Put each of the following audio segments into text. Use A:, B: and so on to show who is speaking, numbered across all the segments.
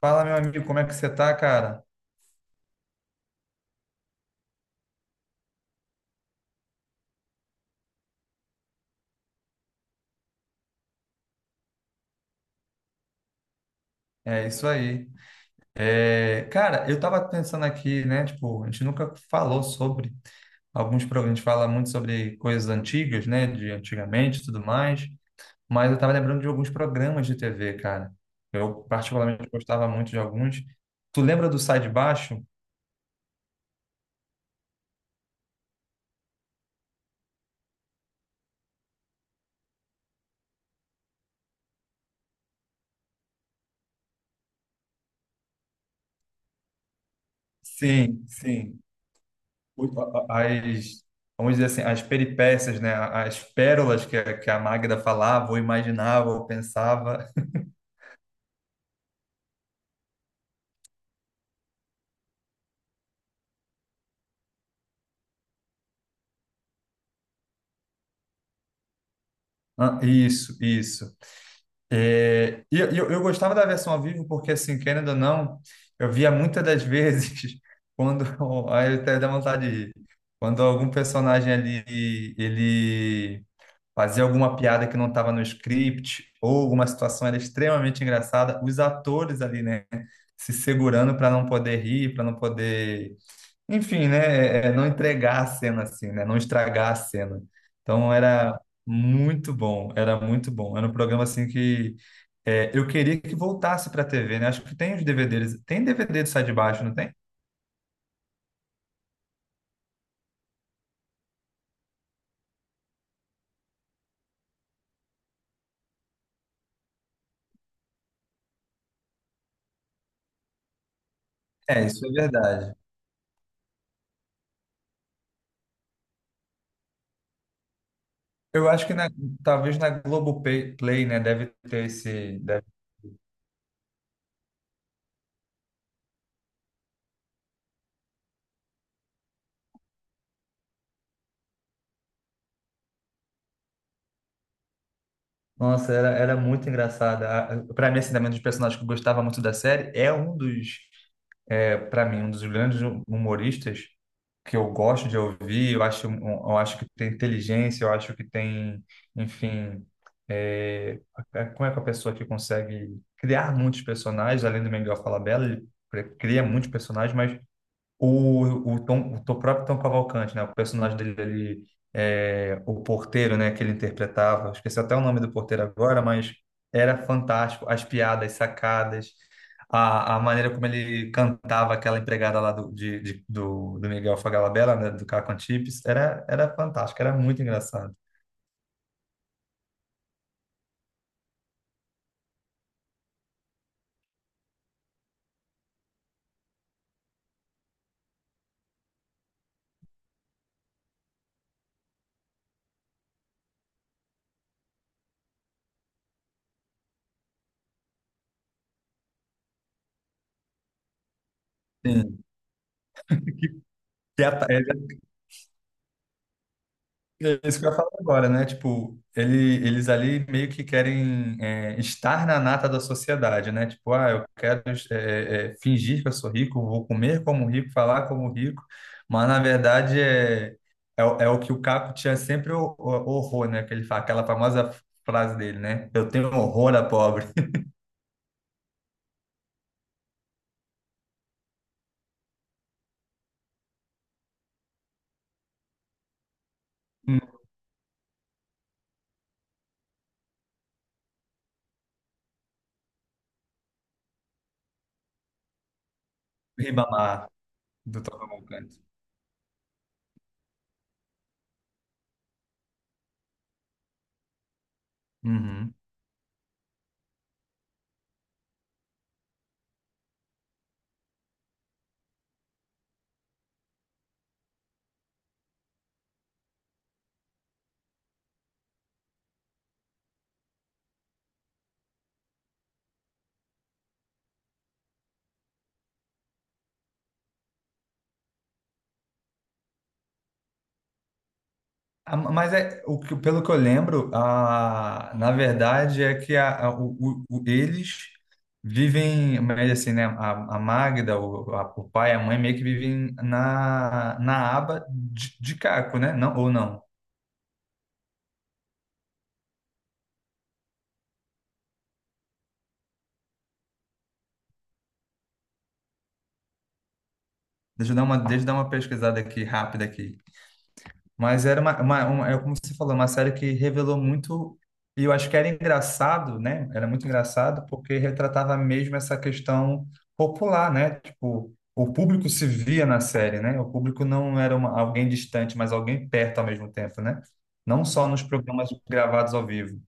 A: Fala, meu amigo, como é que você tá, cara? É isso aí. Cara, eu tava pensando aqui, né? Tipo, a gente nunca falou sobre alguns programas, a gente fala muito sobre coisas antigas, né? De antigamente e tudo mais, mas eu tava lembrando de alguns programas de TV, cara. Eu particularmente gostava muito de alguns. Tu lembra do Sai de Baixo? Sim, sim. As, vamos dizer assim, as peripécias, né? As pérolas que a Magda falava, ou imaginava, ou pensava. Ah, isso, isso. É, e eu gostava da versão ao vivo porque, assim, querendo ou não, eu via muitas das vezes quando... Aí até dá vontade de rir. Quando algum personagem ali, ele fazia alguma piada que não estava no script ou alguma situação era extremamente engraçada, os atores ali, né, se segurando para não poder rir, para não poder enfim, né? Não entregar a cena assim, né? Não estragar a cena. Então era muito bom, era muito bom. Era um programa assim que eu queria que voltasse para a TV, né? Acho que tem os DVDs, tem DVD do Sai de Baixo, não tem? É, isso é verdade. Eu acho que na- Talvez na Globoplay, Play, né, deve ter esse. Deve- Nossa, era, era muito engraçada. Para mim, assim, também um dos personagens que eu gostava muito da série é um dos. Para mim, um dos grandes humoristas que eu gosto de ouvir, eu acho, eu acho que tem inteligência, eu acho que tem, enfim, é, como é que a pessoa que consegue criar muitos personagens, além do Miguel Falabella, ele pre- cria muitos personagens, mas o, próprio Tom Cavalcante, né? O personagem dele, ele, é, o porteiro, né? Que ele interpretava. Esqueci até o nome do porteiro agora, mas era fantástico. As piadas, sacadas, a maneira como ele cantava aquela empregada lá do Miguel Falabella, né? Do Caco Antibes, era, era fantástico, era muito engraçado. Sim. Que piada, é isso que eu ia falar agora, né? Tipo, ele, eles ali meio que querem estar na nata da sociedade, né? Tipo, ah, eu quero fingir que eu sou rico, vou comer como rico, falar como rico, mas na verdade o é o que o Caco tinha sempre horror, né? Que ele fala, aquela famosa frase dele, né? Eu tenho horror a pobre. Hum, Ribamar, do Tocantins. Uhum. Ah, mas é, pelo que eu lembro, a, na verdade é que a- o- eles vivem, mas assim, né? A Magda, o pai e a mãe meio que vivem na, na aba de Caco, né? Não, ou não? Deixa eu dar uma pesquisada aqui, rápida aqui. Mas era é como você falou, uma série que revelou muito, e eu acho que era engraçado, né? Era muito engraçado porque retratava mesmo essa questão popular, né? Tipo, o público se via na série, né? O público não era uma, Alguém distante, mas alguém perto ao mesmo tempo, né? Não só nos programas gravados ao vivo.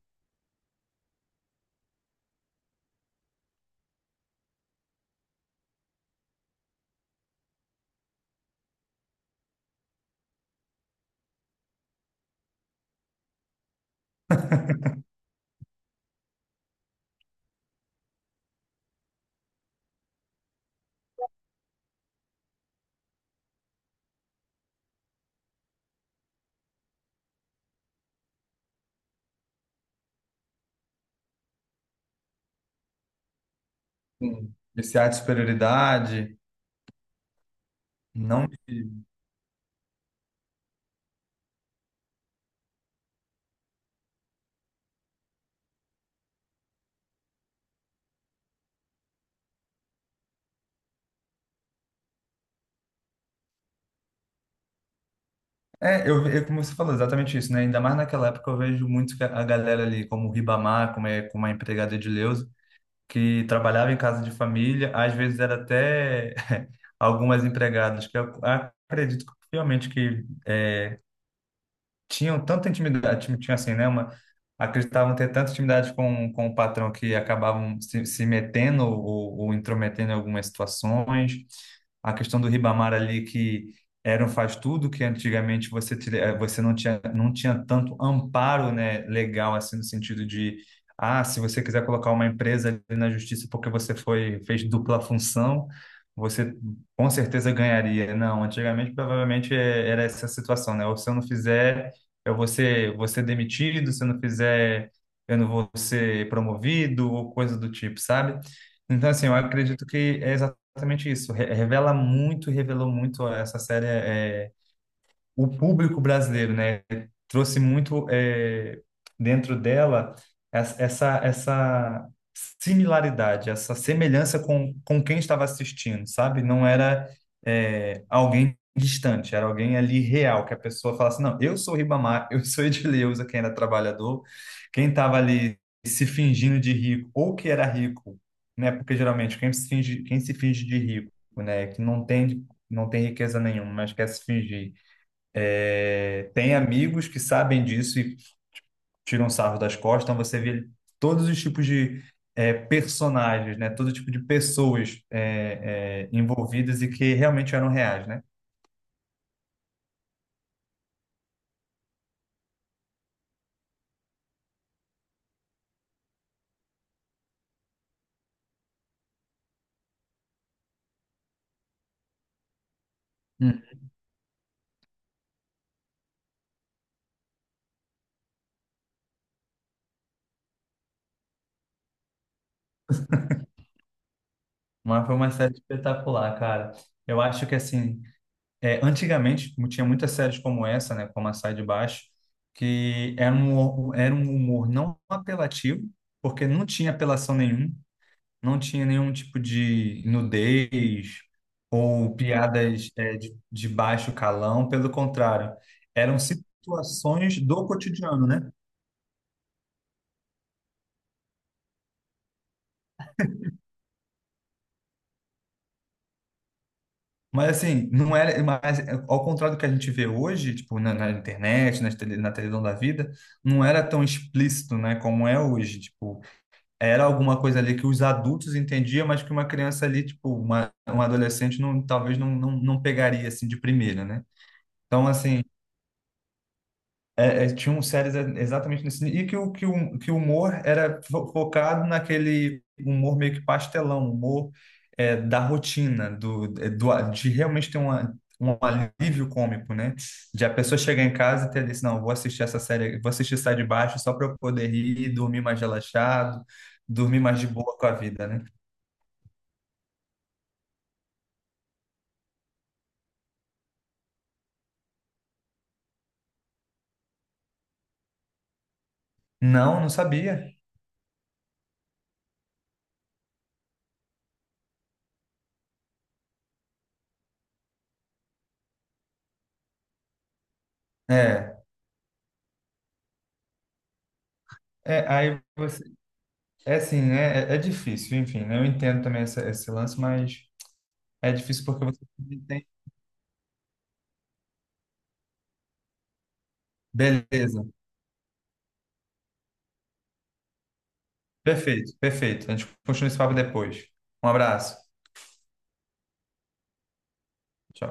A: Sim. Esse ar de superioridade, não de- como você falou, exatamente isso, né? Ainda mais naquela época eu vejo muito que a galera ali, como o Ribamar, como, é, como a empregada de que trabalhava em casa de família, às vezes era até algumas empregadas que eu acredito que, realmente que tinham tanta intimidade, tinha assim, né, uma, acreditavam ter tanta intimidade com o patrão que acabavam se, se metendo ou intrometendo em algumas situações. A questão do Ribamar ali que era um faz-tudo, que antigamente você, você não tinha, não tinha tanto amparo, né, legal, assim, no sentido de, ah, se você quiser colocar uma empresa ali na justiça porque você foi, fez dupla função, você com certeza ganharia. Não, antigamente provavelmente era essa situação, né? Ou se eu não fizer, eu vou ser demitido, se eu não fizer, eu não vou ser promovido, ou coisa do tipo, sabe? Então, assim, eu acredito que é exatamente isso. Revela muito, revelou muito essa série. O público brasileiro, né? Trouxe muito dentro dela essa similaridade, essa semelhança com quem estava assistindo, sabe? Não era alguém distante, era alguém ali real, que a pessoa falasse, não, eu sou o Ribamar, eu sou Edileuza, quem era trabalhador, quem estava ali se fingindo de rico, ou que era rico, né? Porque geralmente quem se finge de rico, né? Que não tem, não tem riqueza nenhuma, mas quer se fingir tem amigos que sabem disso e tiram sarro das costas, então você vê todos os tipos de personagens, né? Todo tipo de pessoas envolvidas e que realmente eram reais, né? Hum. Mas foi uma série espetacular, cara. Eu acho que, assim, antigamente tinha muitas séries como essa, né? Como a Sai de Baixo, que era era um humor não apelativo, porque não tinha apelação nenhuma, não tinha nenhum tipo de nudez ou piadas de baixo calão, pelo contrário, eram situações do cotidiano, né? Mas assim, não era, mas é, ao contrário do que a gente vê hoje, tipo na, na internet, na televisão da vida, não era tão explícito, né, como é hoje, tipo, era alguma coisa ali que os adultos entendiam, mas que uma criança ali, tipo, uma, um adolescente não, talvez não, não, não pegaria assim de primeira, né? Então, assim, é, é, tinham séries exatamente nesse nível. E que o que o humor era focado naquele humor meio que pastelão, humor da rotina, do, é, do de realmente ter uma, um alívio cômico, né? De a pessoa chegar em casa e ter desse, não, vou assistir essa série, vou assistir Sai de Baixo só para eu poder rir, dormir mais relaxado, dormir mais de boa com a vida, né? Não, não sabia. É, é aí você, é assim, é, é difícil, enfim, né? Eu entendo também essa- esse lance, mas é difícil porque você não tem. Beleza. Perfeito, perfeito. A gente continua esse papo depois. Um abraço. Tchau.